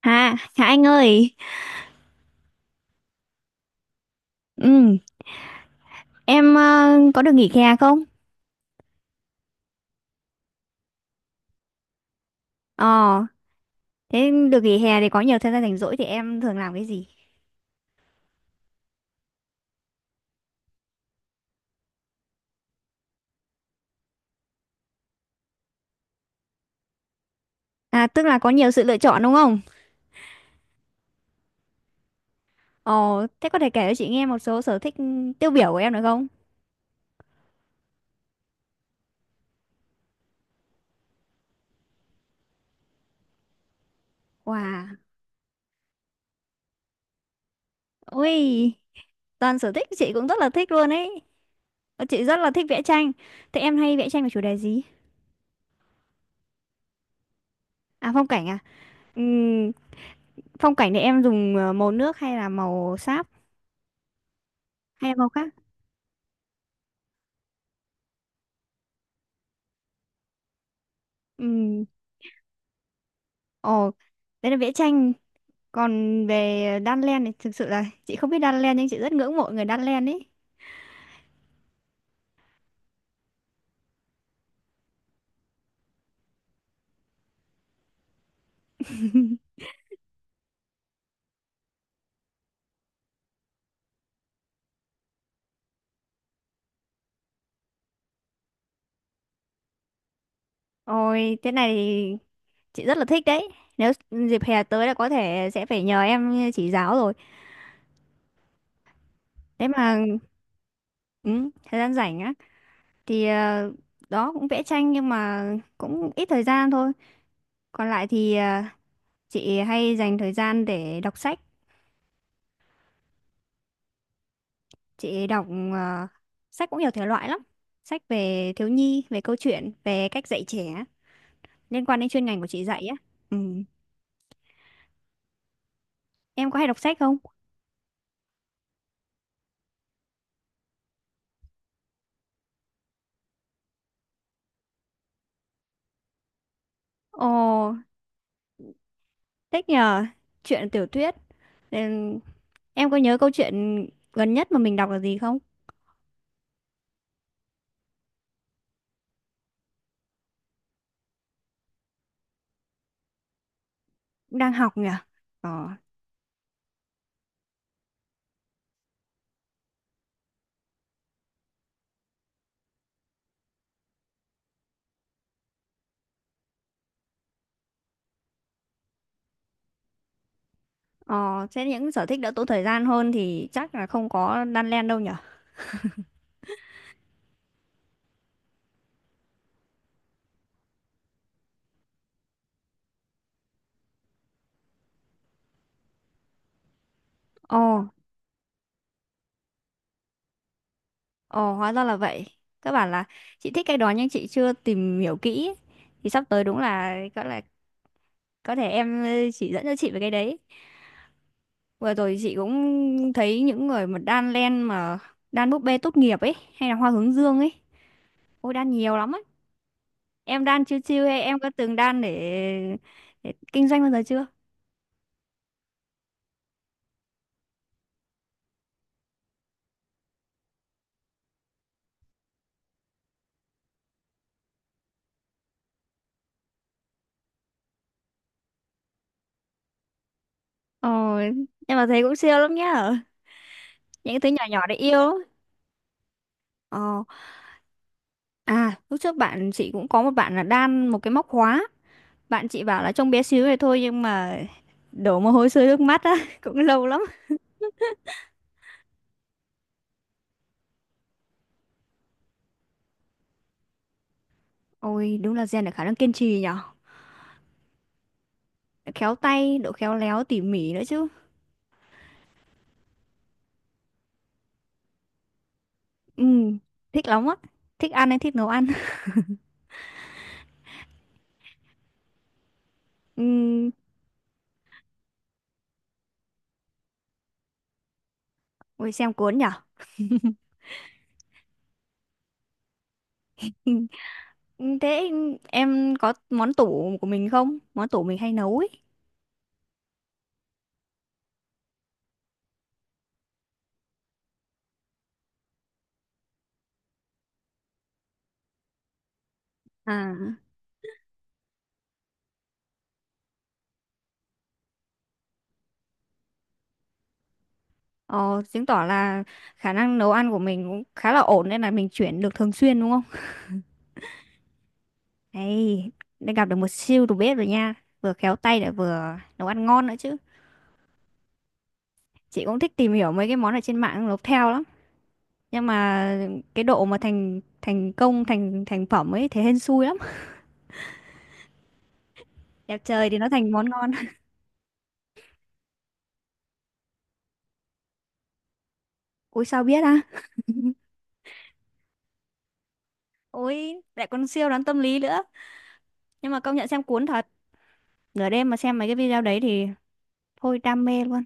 Hà, Hà Anh ơi, ừ, em có được nghỉ hè không? Ờ, Thế được nghỉ hè thì có nhiều thời gian rảnh rỗi thì em thường làm cái gì? À, tức là có nhiều sự lựa chọn đúng không? Ờ, Thế có thể kể cho chị nghe một số sở thích tiêu biểu của em được không? Wow, ui, toàn sở thích chị cũng rất là thích luôn ấy. Chị rất là thích vẽ tranh. Thế em hay vẽ tranh về chủ đề gì? À? Ừm, phong cảnh thì em dùng màu nước hay là màu sáp hay là màu khác? Ừm, ồ, đấy là vẽ tranh. Còn về Đan Len thì thực sự là chị không biết Đan Len nhưng chị rất ngưỡng mộ người Đan Len ấy. Ôi, thế này thì chị rất là thích đấy. Nếu dịp hè tới là có thể sẽ phải nhờ em chỉ giáo rồi. Thế mà ừ, thời gian rảnh á thì đó cũng vẽ tranh nhưng mà cũng ít thời gian thôi. Còn lại thì chị hay dành thời gian để đọc sách. Chị đọc ờ, sách cũng nhiều thể loại lắm. Sách về thiếu nhi, về câu chuyện, về cách dạy trẻ, liên quan đến chuyên ngành của chị dạy á. Ừ. Em có hay đọc sách không? Ồ, thích nhờ. Chuyện tiểu thuyết. Ừ, em có nhớ câu chuyện gần nhất mà mình đọc là gì không? Cũng đang học nhỉ? Ờ. Ờ, thế những sở thích đỡ tốn thời gian hơn thì chắc là không có đan len đâu nhỉ? Ồ, ồ hóa ra là vậy. Các bạn là chị thích cái đó nhưng chị chưa tìm hiểu kỹ ấy. Thì sắp tới đúng là có thể em chỉ dẫn cho chị về cái đấy. Vừa rồi chị cũng thấy những người mà đan len mà đan búp bê tốt nghiệp ấy hay là hoa hướng dương ấy. Ôi đan nhiều lắm ấy. Em đan chiêu chiêu hay em có từng đan để kinh doanh bao giờ chưa? Ờ, em mà thấy cũng siêu lắm nhá. Những cái thứ nhỏ nhỏ để yêu lắm. Ờ, à lúc trước bạn chị cũng có một bạn là đan một cái móc khóa. Bạn chị bảo là trông bé xíu này thôi nhưng mà đổ mồ hôi sôi nước mắt á, cũng lâu lắm. Ôi đúng là rèn được khả năng kiên trì nhở. Khéo tay, độ khéo léo tỉ mỉ nữa chứ. Ừ, thích lắm á. Thích ăn hay thích nấu ăn. Ừ, ôi xem cuốn nhở. Ừ. Thế em có món tủ của mình không? Món tủ mình hay nấu ấy. À, ờ, chứng tỏ là khả năng nấu ăn của mình cũng khá là ổn nên là mình chuyển được thường xuyên đúng không? Đây, đã gặp được một siêu đầu bếp rồi nha. Vừa khéo tay lại vừa nấu ăn ngon nữa chứ. Chị cũng thích tìm hiểu mấy cái món ở trên mạng nấu theo lắm. Nhưng mà cái độ mà thành thành công thành thành phẩm ấy thế hên xui lắm. Đẹp trời thì nó thành món ngon. Ui sao biết á? Ôi lại còn siêu đoán tâm lý nữa. Nhưng mà công nhận xem cuốn thật. Nửa đêm mà xem mấy cái video đấy thì thôi đam mê luôn.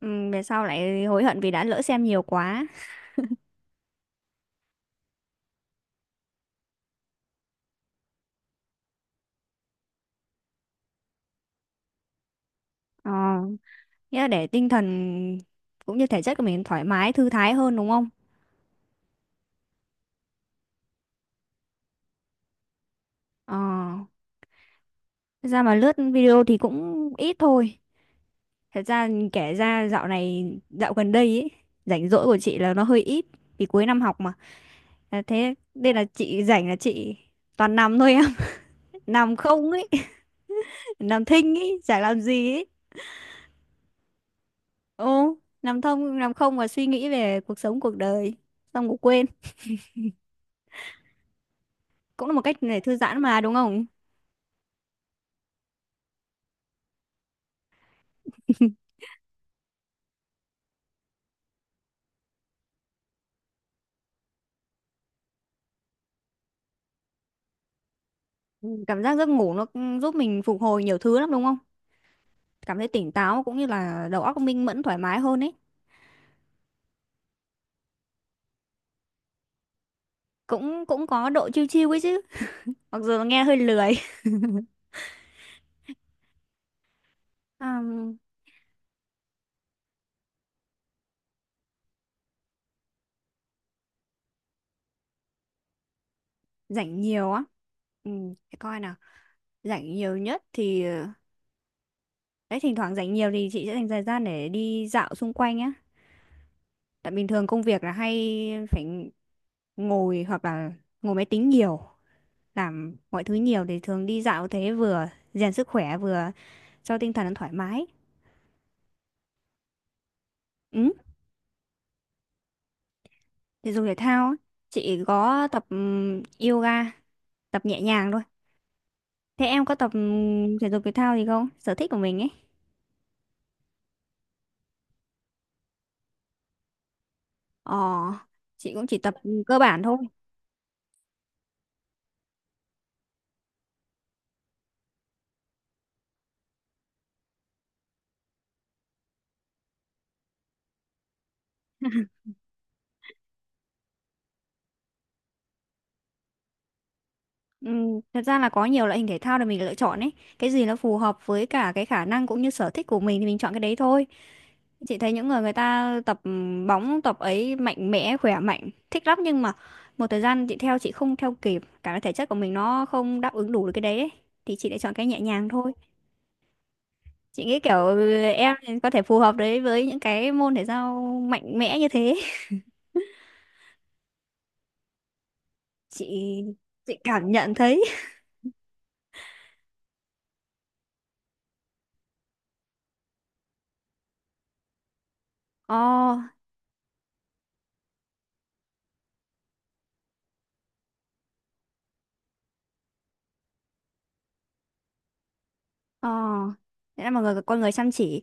Ừ, về sau lại hối hận vì đã lỡ xem nhiều quá. Ờ, nghĩa là để tinh thần cũng như thể chất của mình thoải mái, thư thái hơn đúng không? Ờ, thật ra mà lướt video thì cũng ít thôi. Thật ra kể ra dạo này, dạo gần đây ấy, rảnh rỗi của chị là nó hơi ít. Vì cuối năm học mà. À, thế nên là chị rảnh là chị toàn nằm thôi em. Nằm không ấy, nằm thinh ý chả làm gì ý. Ô nằm thông nằm không và suy nghĩ về cuộc sống cuộc đời xong ngủ quên cũng là một cách để thư giãn mà đúng không. Ừ, cảm giác giấc ngủ nó cũng giúp mình phục hồi nhiều thứ lắm đúng không, cảm thấy tỉnh táo cũng như là đầu óc minh mẫn thoải mái hơn ấy. Cũng cũng có độ chill chill ấy chứ, mặc dù nghe hơi lười. À, rảnh nhiều á, ừ, để coi nào, rảnh nhiều nhất thì đấy thỉnh thoảng rảnh nhiều thì chị sẽ dành thời gian để đi dạo xung quanh á. Tại bình thường công việc là hay phải ngồi hoặc là ngồi máy tính nhiều, làm mọi thứ nhiều thì thường đi dạo thế vừa rèn sức khỏe vừa cho tinh thần nó thoải mái. Ừ, thể dục thể thao á, chị có tập yoga, tập nhẹ nhàng thôi. Thế em có tập thể dục thể thao gì không? Sở thích của mình ấy. Ờ, chị cũng chỉ tập cơ bản thôi. Ừ, thật ra là có nhiều loại hình thể thao để mình lựa chọn ấy. Cái gì nó phù hợp với cả cái khả năng cũng như sở thích của mình thì mình chọn cái đấy thôi. Chị thấy những người người ta tập bóng tập ấy mạnh mẽ, khỏe mạnh, thích lắm nhưng mà một thời gian chị theo chị không theo kịp, cả cái thể chất của mình nó không đáp ứng đủ được cái đấy ấy. Thì chị lại chọn cái nhẹ nhàng thôi. Chị nghĩ kiểu em có thể phù hợp đấy với những cái môn thể thao mạnh mẽ như thế. Chị chị cảm nhận thấy. Ồ, ồ. Thế là mọi người con người chăm chỉ,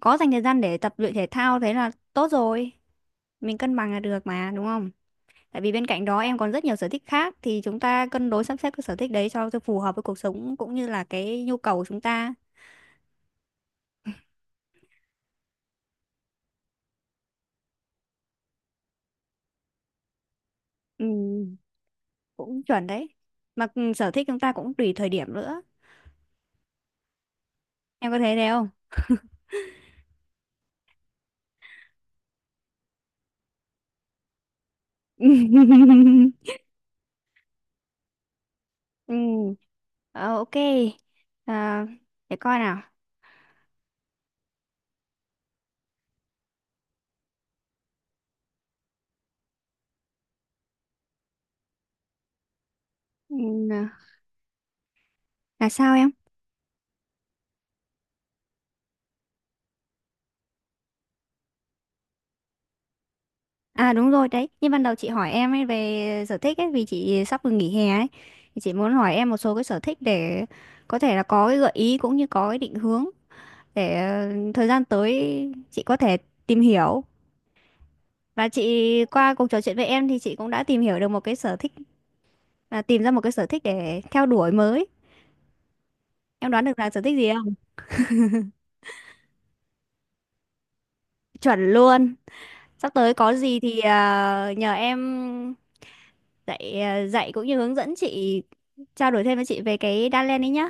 có dành thời gian để tập luyện thể thao thế là tốt rồi, mình cân bằng là được mà đúng không, tại vì bên cạnh đó em còn rất nhiều sở thích khác thì chúng ta cân đối sắp xếp cái sở thích đấy cho phù hợp với cuộc sống cũng như là cái nhu cầu của chúng ta. Ừ, cũng chuẩn đấy, mà sở thích chúng ta cũng tùy thời điểm nữa, em có thấy thế không? Ừ, ờ, ok, à, để coi nào. ừ, là sao em? À đúng rồi đấy, như ban đầu chị hỏi em ấy về sở thích ấy vì chị sắp vừa nghỉ hè ấy thì chị muốn hỏi em một số cái sở thích để có thể là có cái gợi ý cũng như có cái định hướng để thời gian tới chị có thể tìm hiểu, và chị qua cuộc trò chuyện với em thì chị cũng đã tìm hiểu được một cái sở thích. À, tìm ra một cái sở thích để theo đuổi mới. Em đoán được là sở thích gì không? Chuẩn luôn. Sắp tới có gì thì nhờ em dạy dạy cũng như hướng dẫn chị, trao đổi thêm với chị về cái đan len ấy nhá.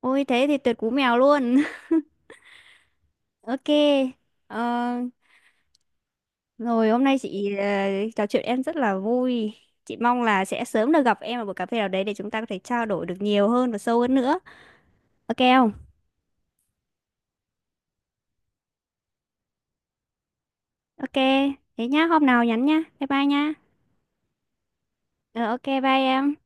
Ôi thế thì tuyệt cú mèo luôn. Ok. Ờ, rồi hôm nay chị trò chuyện em rất là vui. Chị mong là sẽ sớm được gặp em ở buổi cà phê nào đấy để chúng ta có thể trao đổi được nhiều hơn và sâu hơn nữa. Ok không? Ok. Thế nhá, hôm nào nhắn nhá. Bye bye nhá. Ờ ok bye em.